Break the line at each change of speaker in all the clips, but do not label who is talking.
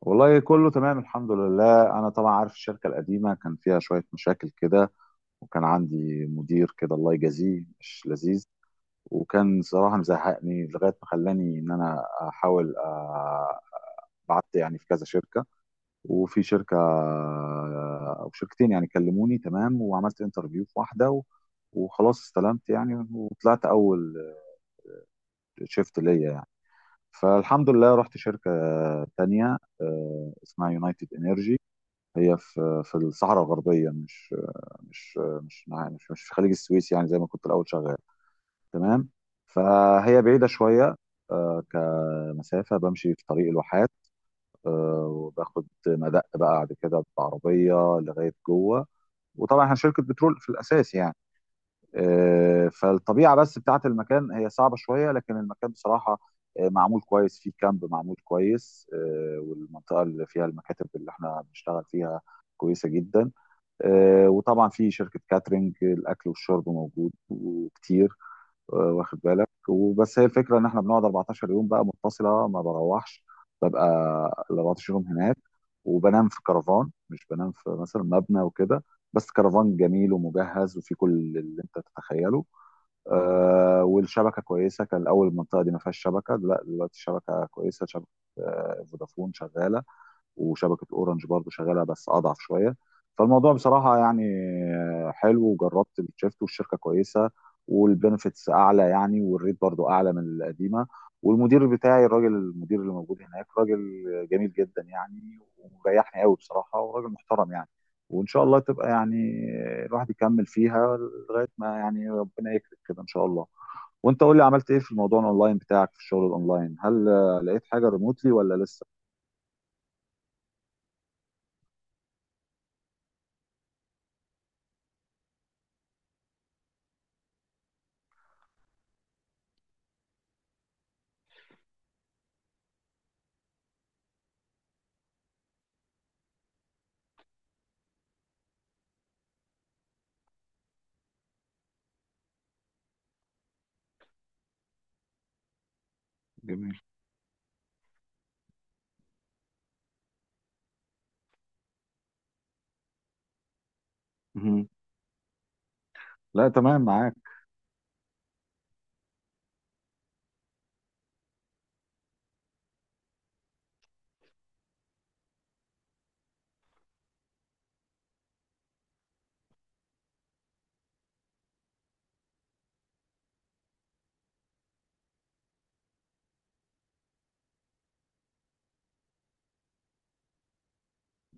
والله كله تمام، الحمد لله. انا طبعا عارف الشركه القديمه كان فيها شويه مشاكل كده، وكان عندي مدير كده الله يجازيه مش لذيذ. وكان صراحه مزهقني لغايه ما خلاني ان انا احاول. بعت يعني في كذا شركه، وفي شركه او شركتين يعني كلموني تمام، وعملت انترفيو في واحده وخلاص استلمت يعني وطلعت اول شيفت ليا يعني. فالحمد لله رحت شركه تانية. اسمها يونايتد انرجي، هي في الصحراء الغربيه، مش مش مش في خليج السويس يعني، زي ما كنت الاول شغال تمام. فهي بعيده شويه. كمسافه بمشي في طريق الواحات، وباخد مدق بقى بعد كده بعربيه لغايه جوه. وطبعا احنا شركه بترول في الاساس يعني. فالطبيعه بس بتاعه المكان هي صعبه شويه، لكن المكان بصراحه معمول كويس، فيه كامب معمول كويس، والمنطقه اللي فيها المكاتب اللي احنا بنشتغل فيها كويسه جدا. وطبعا في شركة كاترينج، الأكل والشرب موجود وكتير. واخد بالك؟ وبس هي الفكرة إن إحنا بنقعد 14 يوم بقى متصلة، ما بروحش، ببقى ال 14 يوم هناك، وبنام في كرفان، مش بنام في مثلا مبنى وكده. بس كرفان جميل ومجهز وفي كل اللي انت تتخيله. والشبكه كويسه، كان الاول المنطقه دي ما فيهاش شبكه، لا دلوقتي الشبكه كويسه، شبكه فودافون شغاله وشبكه اورنج برضو شغاله بس اضعف شويه. فالموضوع بصراحه يعني حلو، وجربت الشيفت والشركه كويسه، والبنفيتس اعلى يعني، والريت برضو اعلى من القديمه. والمدير بتاعي، الراجل المدير اللي موجود هناك، راجل جميل جدا يعني، ومريحني قوي بصراحه، وراجل محترم يعني. وان شاء الله تبقى يعني الواحد يكمل فيها لغايه ما يعني ربنا يكرم كده ان شاء الله. وانت قول لي، عملت ايه في الموضوع الاونلاين بتاعك؟ في الشغل الاونلاين، هل لقيت حاجه ريموتلي ولا لسه؟ جميل. لا تمام، معاك.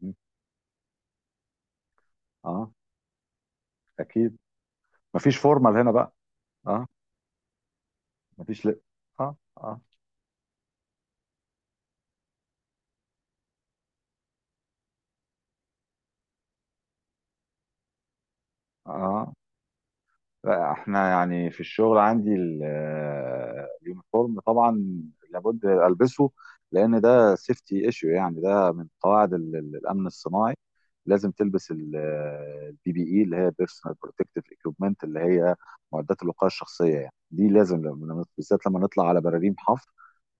م. اه، اكيد. مفيش فورمال هنا بقى. اه. مفيش اه، اه. اه. لا احنا يعني في الشغل عندي اليونيفورم طبعا لابد البسه، لان ده سيفتي ايشيو يعني، ده من قواعد الامن الصناعي. لازم تلبس البي بي اي اللي هي بيرسونال بروتكتيف ايكويبمنت اللي هي معدات الوقايه الشخصيه يعني، دي لازم لما بالذات لما نطلع على براريم حفر،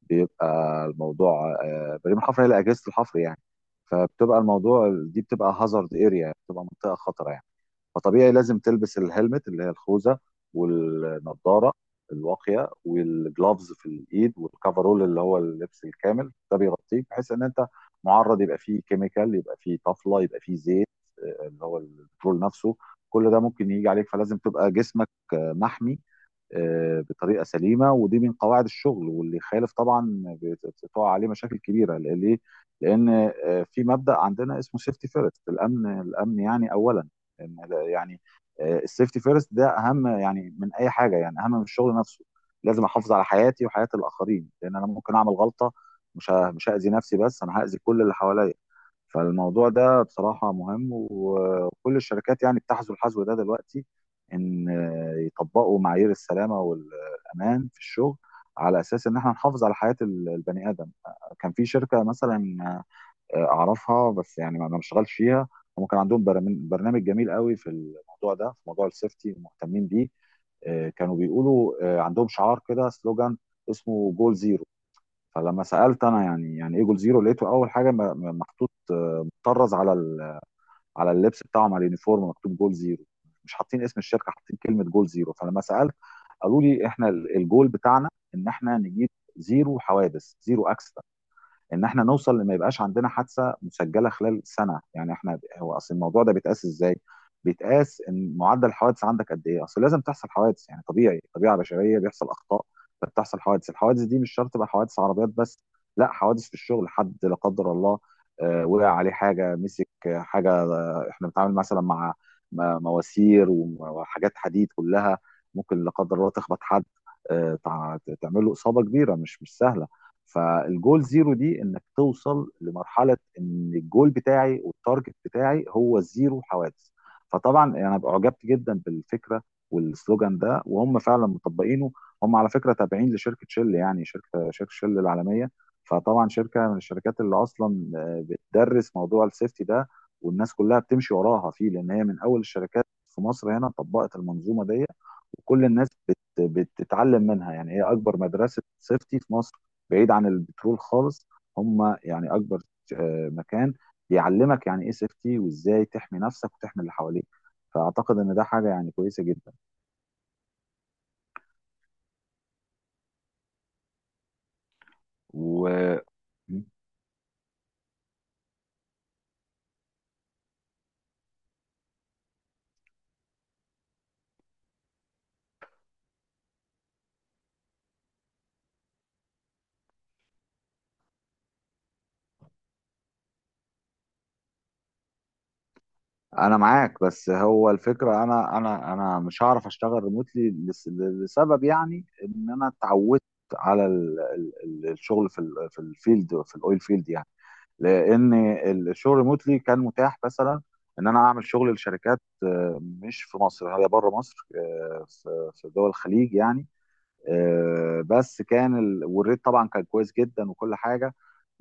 بيبقى الموضوع. بريم الحفر هي اللي اجهزه الحفر يعني، فبتبقى الموضوع دي بتبقى هازارد اريا، بتبقى منطقه خطره يعني. فطبيعي لازم تلبس الهلمت اللي هي الخوذه، والنضاره الواقيه، والجلافز في الايد، والكفرول اللي هو اللبس الكامل، ده بيغطيك بحيث ان انت معرض، يبقى فيه كيميكال، يبقى فيه طفله، يبقى فيه زيت، اللي هو البترول نفسه، كل ده ممكن يجي عليك، فلازم تبقى جسمك محمي بطريقه سليمه. ودي من قواعد الشغل، واللي يخالف طبعا بتقع عليه مشاكل كبيره. ليه؟ لان في مبدا عندنا اسمه سيفتي فيرست، الامن الامن يعني اولا. إن ده يعني السيفتي فيرست ده اهم يعني من اي حاجه، يعني اهم من الشغل نفسه. لازم احافظ على حياتي وحياه الاخرين، لان انا ممكن اعمل غلطه، مش هاذي نفسي بس، انا هاذي كل اللي حواليا. فالموضوع ده بصراحة مهم، وكل الشركات يعني بتحذو الحذو ده دلوقتي، إن يطبقوا معايير السلامة والأمان في الشغل، على أساس إن إحنا نحافظ على حياة البني آدم. كان في شركة مثلا أعرفها، بس يعني ما بشتغلش فيها، هم كان عندهم برنامج جميل قوي في الموضوع ده، في موضوع السيفتي مهتمين بيه. كانوا بيقولوا، عندهم شعار كده، سلوجان اسمه جول زيرو. فلما سالت انا يعني، يعني ايه جول زيرو، لقيته اول حاجه محطوط، مطرز على على اللبس بتاعهم، على اليونيفورم مكتوب جول زيرو، مش حاطين اسم الشركه، حاطين كلمه جول زيرو. فلما سالت، قالوا لي احنا الجول بتاعنا ان احنا نجيب زيرو حوادث، زيرو اكسيدنت، ان احنا نوصل لما يبقاش عندنا حادثه مسجله خلال سنه. يعني احنا، هو اصل الموضوع ده بيتقاس ازاي؟ بيتقاس ان معدل الحوادث عندك قد ايه؟ اصل لازم تحصل حوادث يعني، طبيعي، طبيعه بشريه بيحصل اخطاء، فبتحصل حوادث. الحوادث دي مش شرط تبقى حوادث عربيات بس، لا، حوادث في الشغل، حد لا قدر الله وقع عليه حاجه، مسك حاجه. احنا بنتعامل مثلا مع مواسير وحاجات حديد كلها، ممكن لا قدر الله تخبط حد، تعمل له اصابه كبيره مش سهله. فالجول زيرو دي انك توصل لمرحله ان الجول بتاعي والتارجت بتاعي هو زيرو حوادث. فطبعا انا يعني اعجبت جدا بالفكره والسلوجان ده، وهم فعلا مطبقينه. هم على فكره تابعين لشركه شل، يعني شركه شل العالميه، فطبعا شركه من الشركات اللي اصلا بتدرس موضوع السيفتي ده، والناس كلها بتمشي وراها فيه، لان هي من اول الشركات في مصر هنا طبقت المنظومه دي، وكل الناس بتتعلم منها. يعني هي اكبر مدرسه سيفتي في مصر، بعيد عن البترول خالص، هم يعني اكبر مكان بيعلمك يعني ايه سيفتي، وازاي تحمي نفسك وتحمي اللي حواليك. فاعتقد ان ده حاجه يعني كويسه جدا. وانا معاك، بس هو الفكره، انا انا مش هعرف اشتغل ريموتلي، لسبب يعني ان انا اتعودت على الشغل في الفيلد، في الاويل فيلد يعني، لان الشغل ريموتلي كان متاح مثلا ان انا اعمل شغل لشركات مش في مصر، هي بره مصر، في دول الخليج يعني. بس كان والريت طبعا كان كويس جدا وكل حاجه،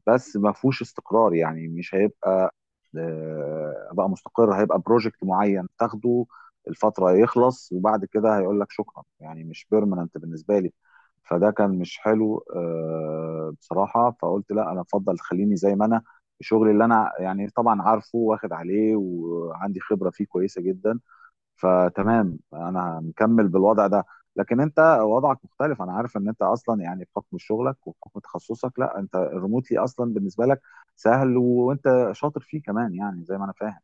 بس ما فيهوش استقرار، يعني مش هيبقى بقى مستقر، هيبقى بروجكت معين تاخده الفتره، يخلص، وبعد كده هيقول لك شكرا، يعني مش بيرمننت بالنسبه لي. فده كان مش حلو بصراحه. فقلت لا، انا افضل خليني زي ما انا، الشغل اللي انا يعني طبعا عارفه واخد عليه وعندي خبره فيه كويسه جدا، فتمام انا مكمل بالوضع ده. لكن انت وضعك مختلف، انا عارف ان انت اصلا يعني بحكم شغلك وبحكم تخصصك، لا، انت الريموتلي اصلا بالنسبه لك سهل وانت شاطر فيه كمان، يعني زي ما انا فاهم.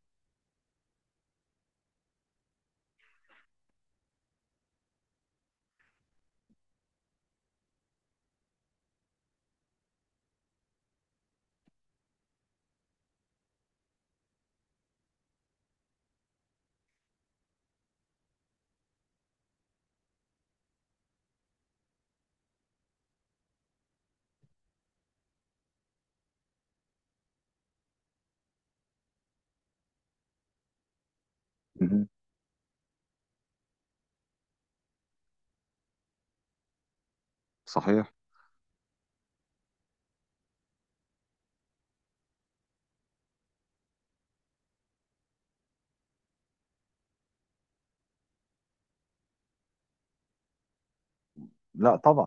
مهم. صحيح. لا طبعا،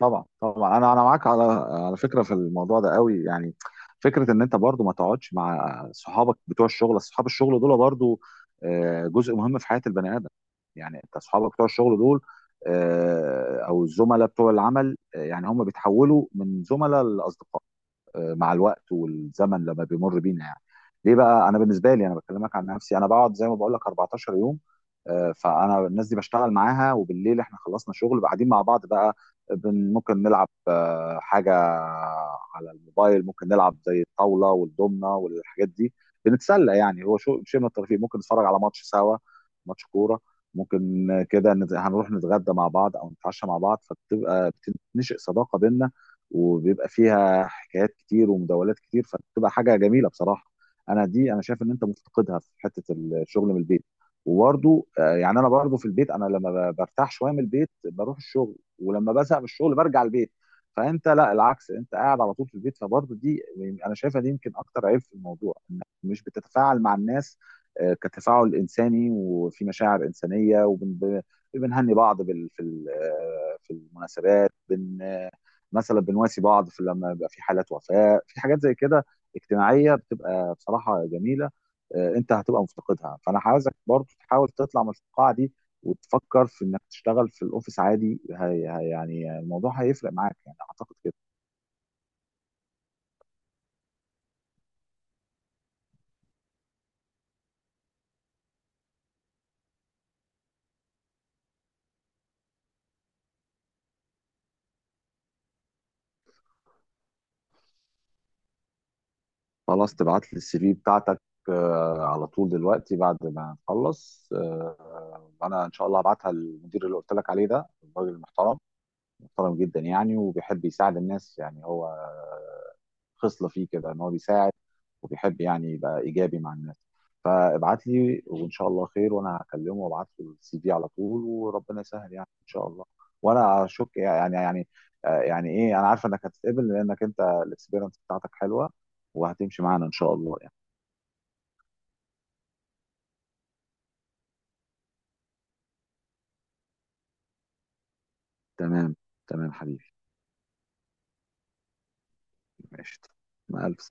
طبعا طبعا، انا معاك على فكره في الموضوع ده قوي يعني. فكره ان انت برضو ما تقعدش مع صحابك بتوع الشغل، اصحاب الشغل دول برضو جزء مهم في حياه البني ادم، يعني انت اصحابك بتوع الشغل دول، او الزملاء بتوع العمل، يعني هم بيتحولوا من زملاء لاصدقاء مع الوقت والزمن لما بيمر بينا يعني. ليه بقى؟ انا بالنسبه لي، انا بكلمك عن نفسي، انا بقعد زي ما بقول لك 14 يوم، فانا الناس دي بشتغل معاها، وبالليل احنا خلصنا شغل بقى قاعدين مع بعض بقى، ممكن نلعب حاجه على الموبايل، ممكن نلعب زي الطاوله والدومنه والحاجات دي، بنتسلى يعني، هو شو شيء من الترفيه، ممكن نتفرج على ماتش سوا، ماتش كوره. ممكن كده هنروح نتغدى مع بعض او نتعشى مع بعض، فبتبقى، بتنشئ صداقه بينا، وبيبقى فيها، بتبقى حكايات كتير ومداولات كتير، فبتبقى حاجه جميله بصراحه. انا دي انا شايف ان انت مفتقدها في حته الشغل من البيت. وبرضو يعني انا برضو في البيت، انا لما برتاح شويه من البيت بروح الشغل، ولما بزهق من الشغل برجع البيت. فانت لا، العكس، انت قاعد على طول في البيت، فبرضو دي يعني انا شايفها دي يمكن اكتر عيب في الموضوع، انك مش بتتفاعل مع الناس كتفاعل انساني، وفي مشاعر انسانيه وبنهني بعض بال- في ال- آه، في المناسبات، مثلا بنواسي بعض في لما بيبقى في حالات وفاة، في حاجات زي كده اجتماعية بتبقى بصراحة جميلة. انت هتبقى مفتقدها، فانا عاوزك برضو تحاول تطلع من الفقاعة دي، وتفكر في انك تشتغل في الاوفيس عادي، هي يعني الموضوع هيفرق معاك، يعني اعتقد كده. خلاص، تبعت لي السي في بتاعتك على طول دلوقتي بعد ما نخلص، وانا ان شاء الله هبعتها للمدير اللي قلت لك عليه ده، الراجل المحترم، محترم جدا يعني، وبيحب يساعد الناس، يعني هو خصلة فيه كده ان هو بيساعد، وبيحب يعني يبقى ايجابي مع الناس. فابعت لي وان شاء الله خير، وانا هكلمه وابعت له السي في على طول، وربنا يسهل يعني ان شاء الله. وانا اشك يعني يعني ايه، انا عارفه انك هتتقبل، لانك انت الاكسبيرينس بتاعتك حلوه، وهتمشي معانا ان شاء الله يعني. تمام، تمام حبيبي. ماشي، مع الف